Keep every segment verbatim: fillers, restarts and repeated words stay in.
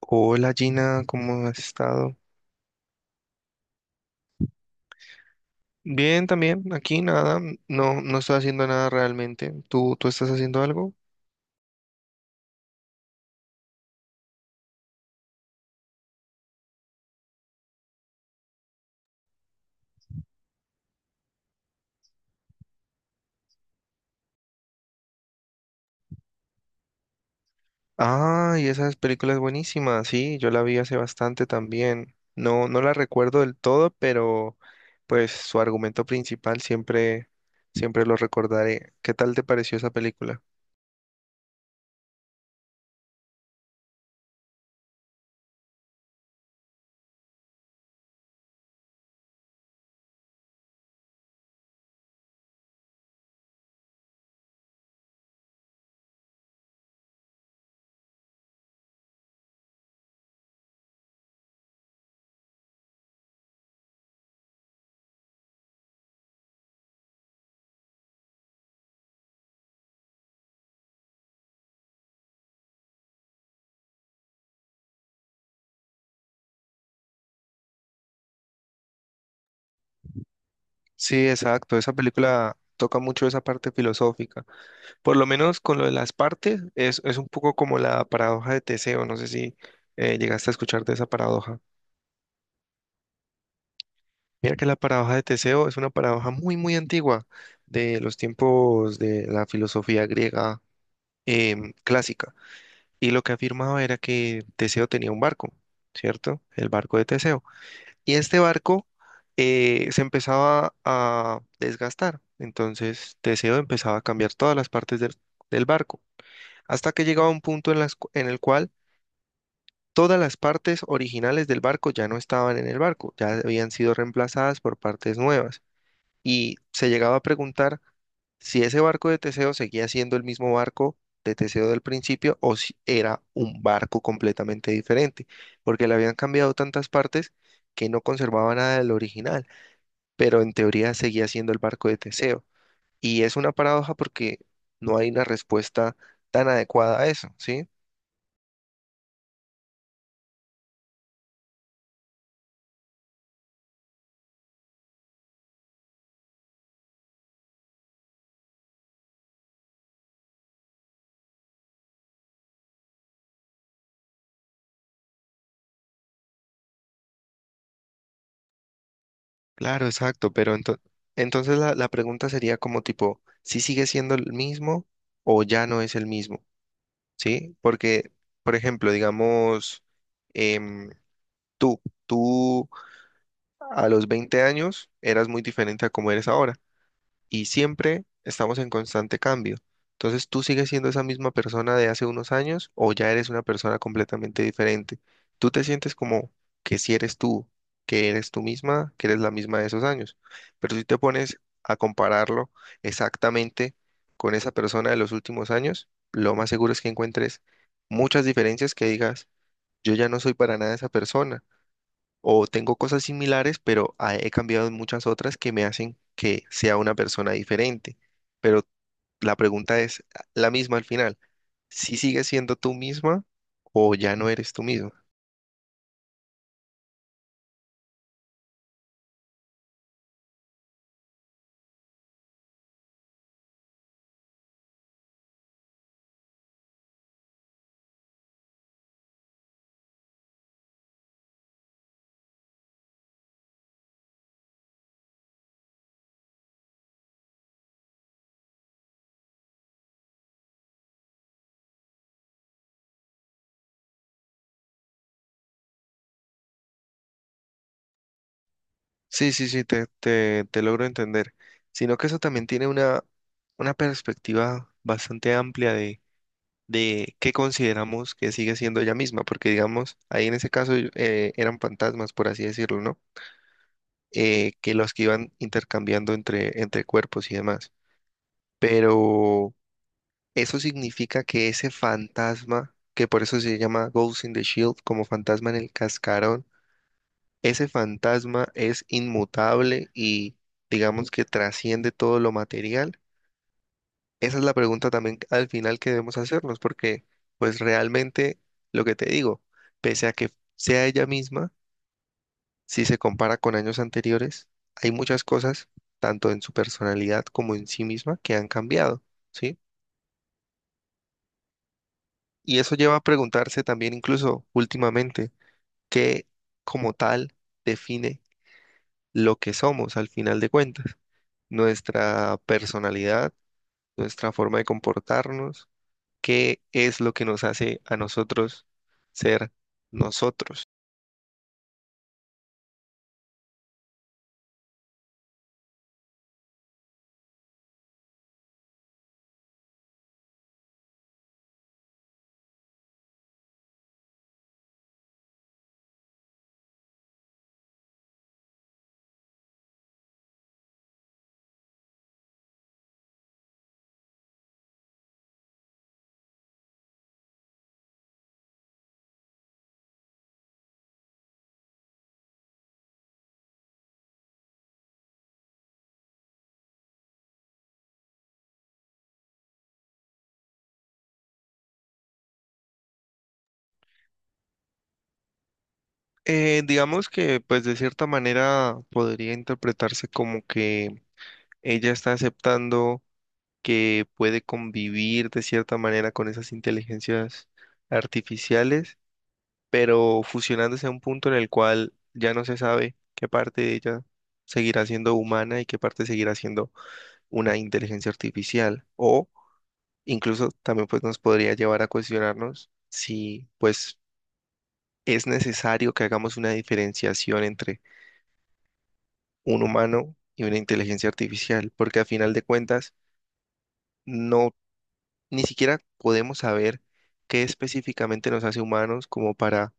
Hola Gina, ¿cómo has estado? Bien, también, aquí nada, no, no estoy haciendo nada realmente. ¿Tú, tú estás haciendo algo? Ah, y esa película es buenísima, sí, yo la vi hace bastante también. No, no la recuerdo del todo, pero pues su argumento principal siempre, siempre lo recordaré. ¿Qué tal te pareció esa película? Sí, exacto, esa película toca mucho esa parte filosófica. Por lo menos con lo de las partes, es, es un poco como la paradoja de Teseo. No sé si eh, llegaste a escuchar de esa paradoja. Mira que la paradoja de Teseo es una paradoja muy, muy antigua de los tiempos de la filosofía griega em, clásica. Y lo que afirmaba era que Teseo tenía un barco, ¿cierto? El barco de Teseo. Y este barco eh, se empezaba a desgastar. Entonces Teseo empezaba a cambiar todas las partes del del barco hasta que llegaba un punto en, las cu- en el cual todas las partes originales del barco ya no estaban en el barco, ya habían sido reemplazadas por partes nuevas. Y se llegaba a preguntar si ese barco de Teseo seguía siendo el mismo barco de Teseo del principio o si era un barco completamente diferente, porque le habían cambiado tantas partes que no conservaba nada del original, pero en teoría seguía siendo el barco de Teseo. Y es una paradoja porque no hay una respuesta tan adecuada a eso, ¿sí? Claro, exacto, pero ento- entonces la, la pregunta sería como tipo, ¿si sigue siendo el mismo o ya no es el mismo? ¿Sí? Porque, por ejemplo, digamos, em, tú, tú a los veinte años eras muy diferente a como eres ahora y siempre estamos en constante cambio. Entonces, ¿tú sigues siendo esa misma persona de hace unos años o ya eres una persona completamente diferente? ¿Tú te sientes como que si eres tú, que eres tú misma, que eres la misma de esos años? Pero si te pones a compararlo exactamente con esa persona de los últimos años, lo más seguro es que encuentres muchas diferencias que digas, yo ya no soy para nada esa persona o tengo cosas similares, pero ah, he cambiado en muchas otras que me hacen que sea una persona diferente. Pero la pregunta es la misma al final. ¿Si sigues siendo tú misma o ya no eres tú misma? Sí, sí, sí, te, te, te logro entender. Sino que eso también tiene una, una perspectiva bastante amplia de, de qué consideramos que sigue siendo ella misma, porque digamos, ahí en ese caso eh, eran fantasmas, por así decirlo, ¿no? Eh, que los que iban intercambiando entre, entre cuerpos y demás. Pero eso significa que ese fantasma, que por eso se llama Ghost in the Shield, como fantasma en el cascarón, ese fantasma es inmutable y digamos que trasciende todo lo material. Esa es la pregunta también al final que debemos hacernos, porque pues realmente lo que te digo, pese a que sea ella misma, si se compara con años anteriores, hay muchas cosas, tanto en su personalidad como en sí misma, que han cambiado, ¿sí? Y eso lleva a preguntarse también incluso últimamente, ¿qué como tal define lo que somos al final de cuentas? Nuestra personalidad, nuestra forma de comportarnos, ¿qué es lo que nos hace a nosotros ser nosotros? Eh, digamos que pues de cierta manera podría interpretarse como que ella está aceptando que puede convivir de cierta manera con esas inteligencias artificiales pero fusionándose a un punto en el cual ya no se sabe qué parte de ella seguirá siendo humana y qué parte seguirá siendo una inteligencia artificial. O incluso también pues nos podría llevar a cuestionarnos si pues es necesario que hagamos una diferenciación entre un humano y una inteligencia artificial, porque a final de cuentas no ni siquiera podemos saber qué específicamente nos hace humanos como para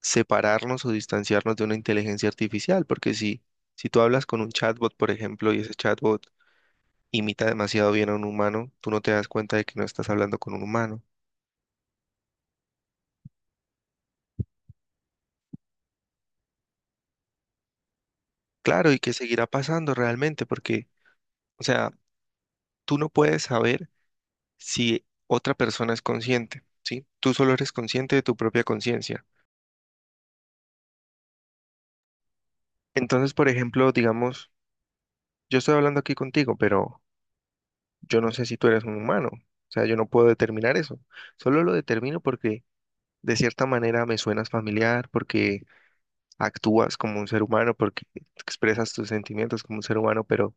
separarnos o distanciarnos de una inteligencia artificial, porque si, si tú hablas con un chatbot, por ejemplo, y ese chatbot imita demasiado bien a un humano, tú no te das cuenta de que no estás hablando con un humano. Claro, y que seguirá pasando realmente, porque, o sea, tú no puedes saber si otra persona es consciente, ¿sí? Tú solo eres consciente de tu propia conciencia. Entonces, por ejemplo, digamos, yo estoy hablando aquí contigo, pero yo no sé si tú eres un humano. O sea, yo no puedo determinar eso. Solo lo determino porque de cierta manera me suenas familiar porque actúas como un ser humano, porque expresas tus sentimientos como un ser humano, pero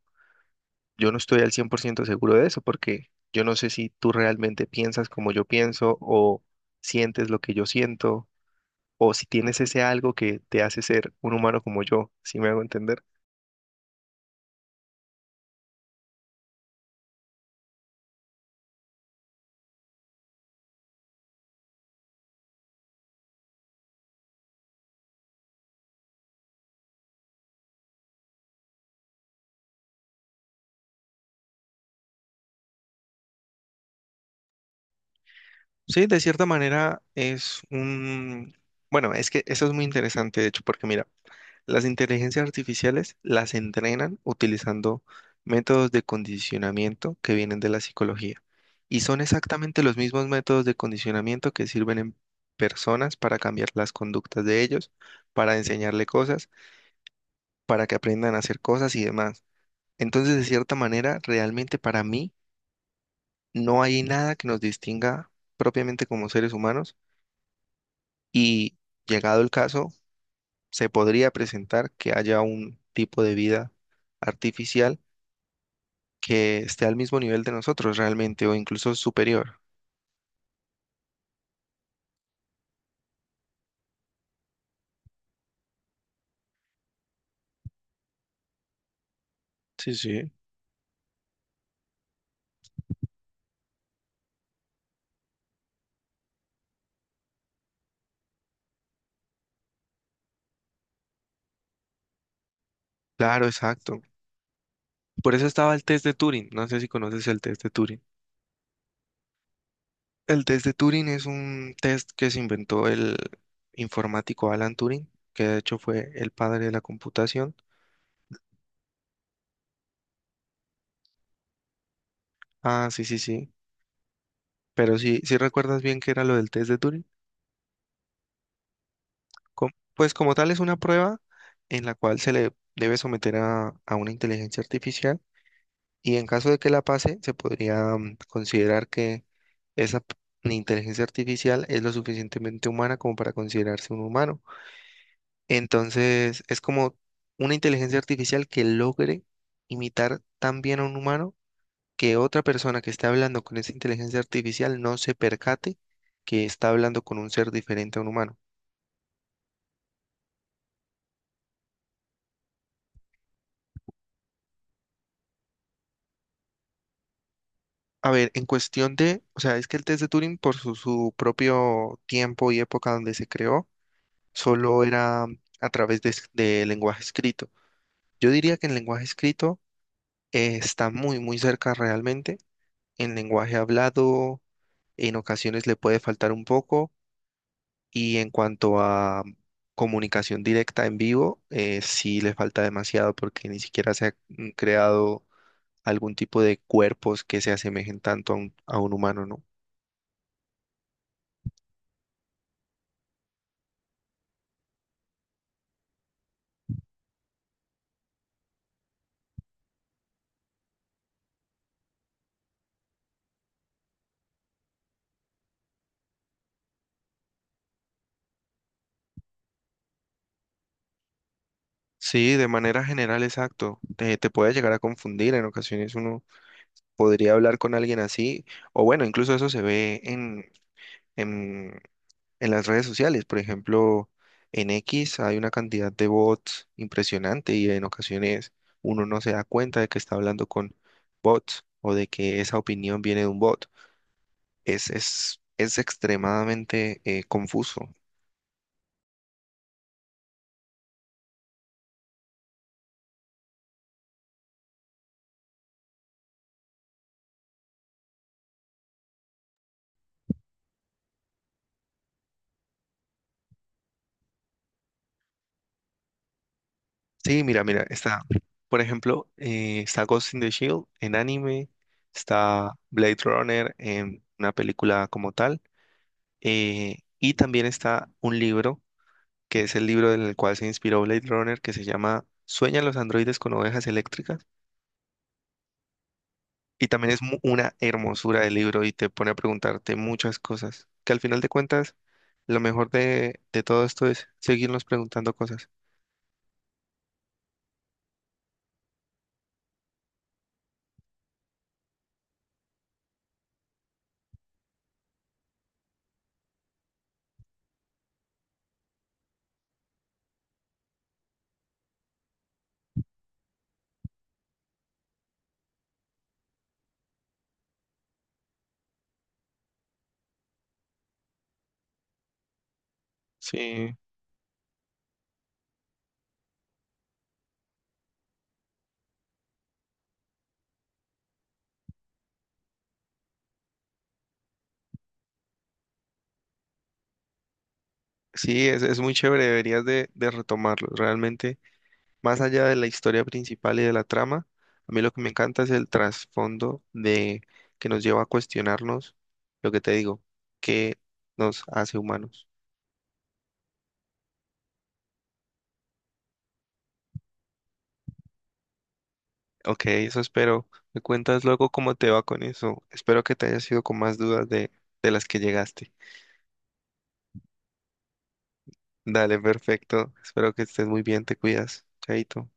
yo no estoy al cien por ciento seguro de eso porque yo no sé si tú realmente piensas como yo pienso o sientes lo que yo siento o si tienes ese algo que te hace ser un humano como yo, si me hago entender. Sí, de cierta manera es un... Bueno, es que eso es muy interesante, de hecho, porque mira, las inteligencias artificiales las entrenan utilizando métodos de condicionamiento que vienen de la psicología y son exactamente los mismos métodos de condicionamiento que sirven en personas para cambiar las conductas de ellos, para enseñarle cosas, para que aprendan a hacer cosas y demás. Entonces, de cierta manera, realmente para mí no hay nada que nos distinga propiamente como seres humanos y llegado el caso, se podría presentar que haya un tipo de vida artificial que esté al mismo nivel de nosotros realmente o incluso superior. Sí, sí. Claro, exacto. Por eso estaba el test de Turing. No sé si conoces el test de Turing. El test de Turing es un test que se inventó el informático Alan Turing, que de hecho fue el padre de la computación. Ah, sí, sí, sí. Pero sí, sí recuerdas bien qué era lo del test de Turing. Com- Pues como tal es una prueba en la cual se le debe someter a, a una inteligencia artificial y en caso de que la pase, se podría mm, considerar que esa p- inteligencia artificial es lo suficientemente humana como para considerarse un humano. Entonces, es como una inteligencia artificial que logre imitar tan bien a un humano que otra persona que esté hablando con esa inteligencia artificial no se percate que está hablando con un ser diferente a un humano. A ver, en cuestión de, o sea, es que el test de Turing por su, su propio tiempo y época donde se creó, solo era a través de, es- de lenguaje escrito. Yo diría que en lenguaje escrito eh, está muy, muy cerca realmente. En lenguaje hablado, en ocasiones le puede faltar un poco. Y en cuanto a comunicación directa en vivo, eh, sí le falta demasiado porque ni siquiera se ha mm, creado algún tipo de cuerpos que se asemejen tanto a un, a un humano, ¿no? Sí, de manera general, exacto. Te, te puede llegar a confundir en ocasiones uno podría hablar con alguien así, o bueno, incluso eso se ve en, en, en las redes sociales, por ejemplo, en equis hay una cantidad de bots impresionante y en ocasiones uno no se da cuenta de que está hablando con bots o de que esa opinión viene de un bot. Es, es, es extremadamente eh, confuso. Sí, mira, mira, está, por ejemplo, eh, está Ghost in the Shield en anime, está Blade Runner en una película como tal. Eh, y también está un libro, que es el libro en el cual se inspiró Blade Runner, que se llama ¿Sueñan los androides con ovejas eléctricas? Y también es mu- una hermosura de libro y te pone a preguntarte muchas cosas, que al final de cuentas, lo mejor de, de todo esto es seguirnos preguntando cosas. Sí, sí, es, es muy chévere, deberías de, de retomarlo. Realmente más allá de la historia principal y de la trama, a mí lo que me encanta es el trasfondo de que nos lleva a cuestionarnos lo que te digo, qué nos hace humanos. Ok, eso espero. Me cuentas luego cómo te va con eso. Espero que te hayas ido con más dudas de, de las que llegaste. Dale, perfecto. Espero que estés muy bien, te cuidas. Chaito.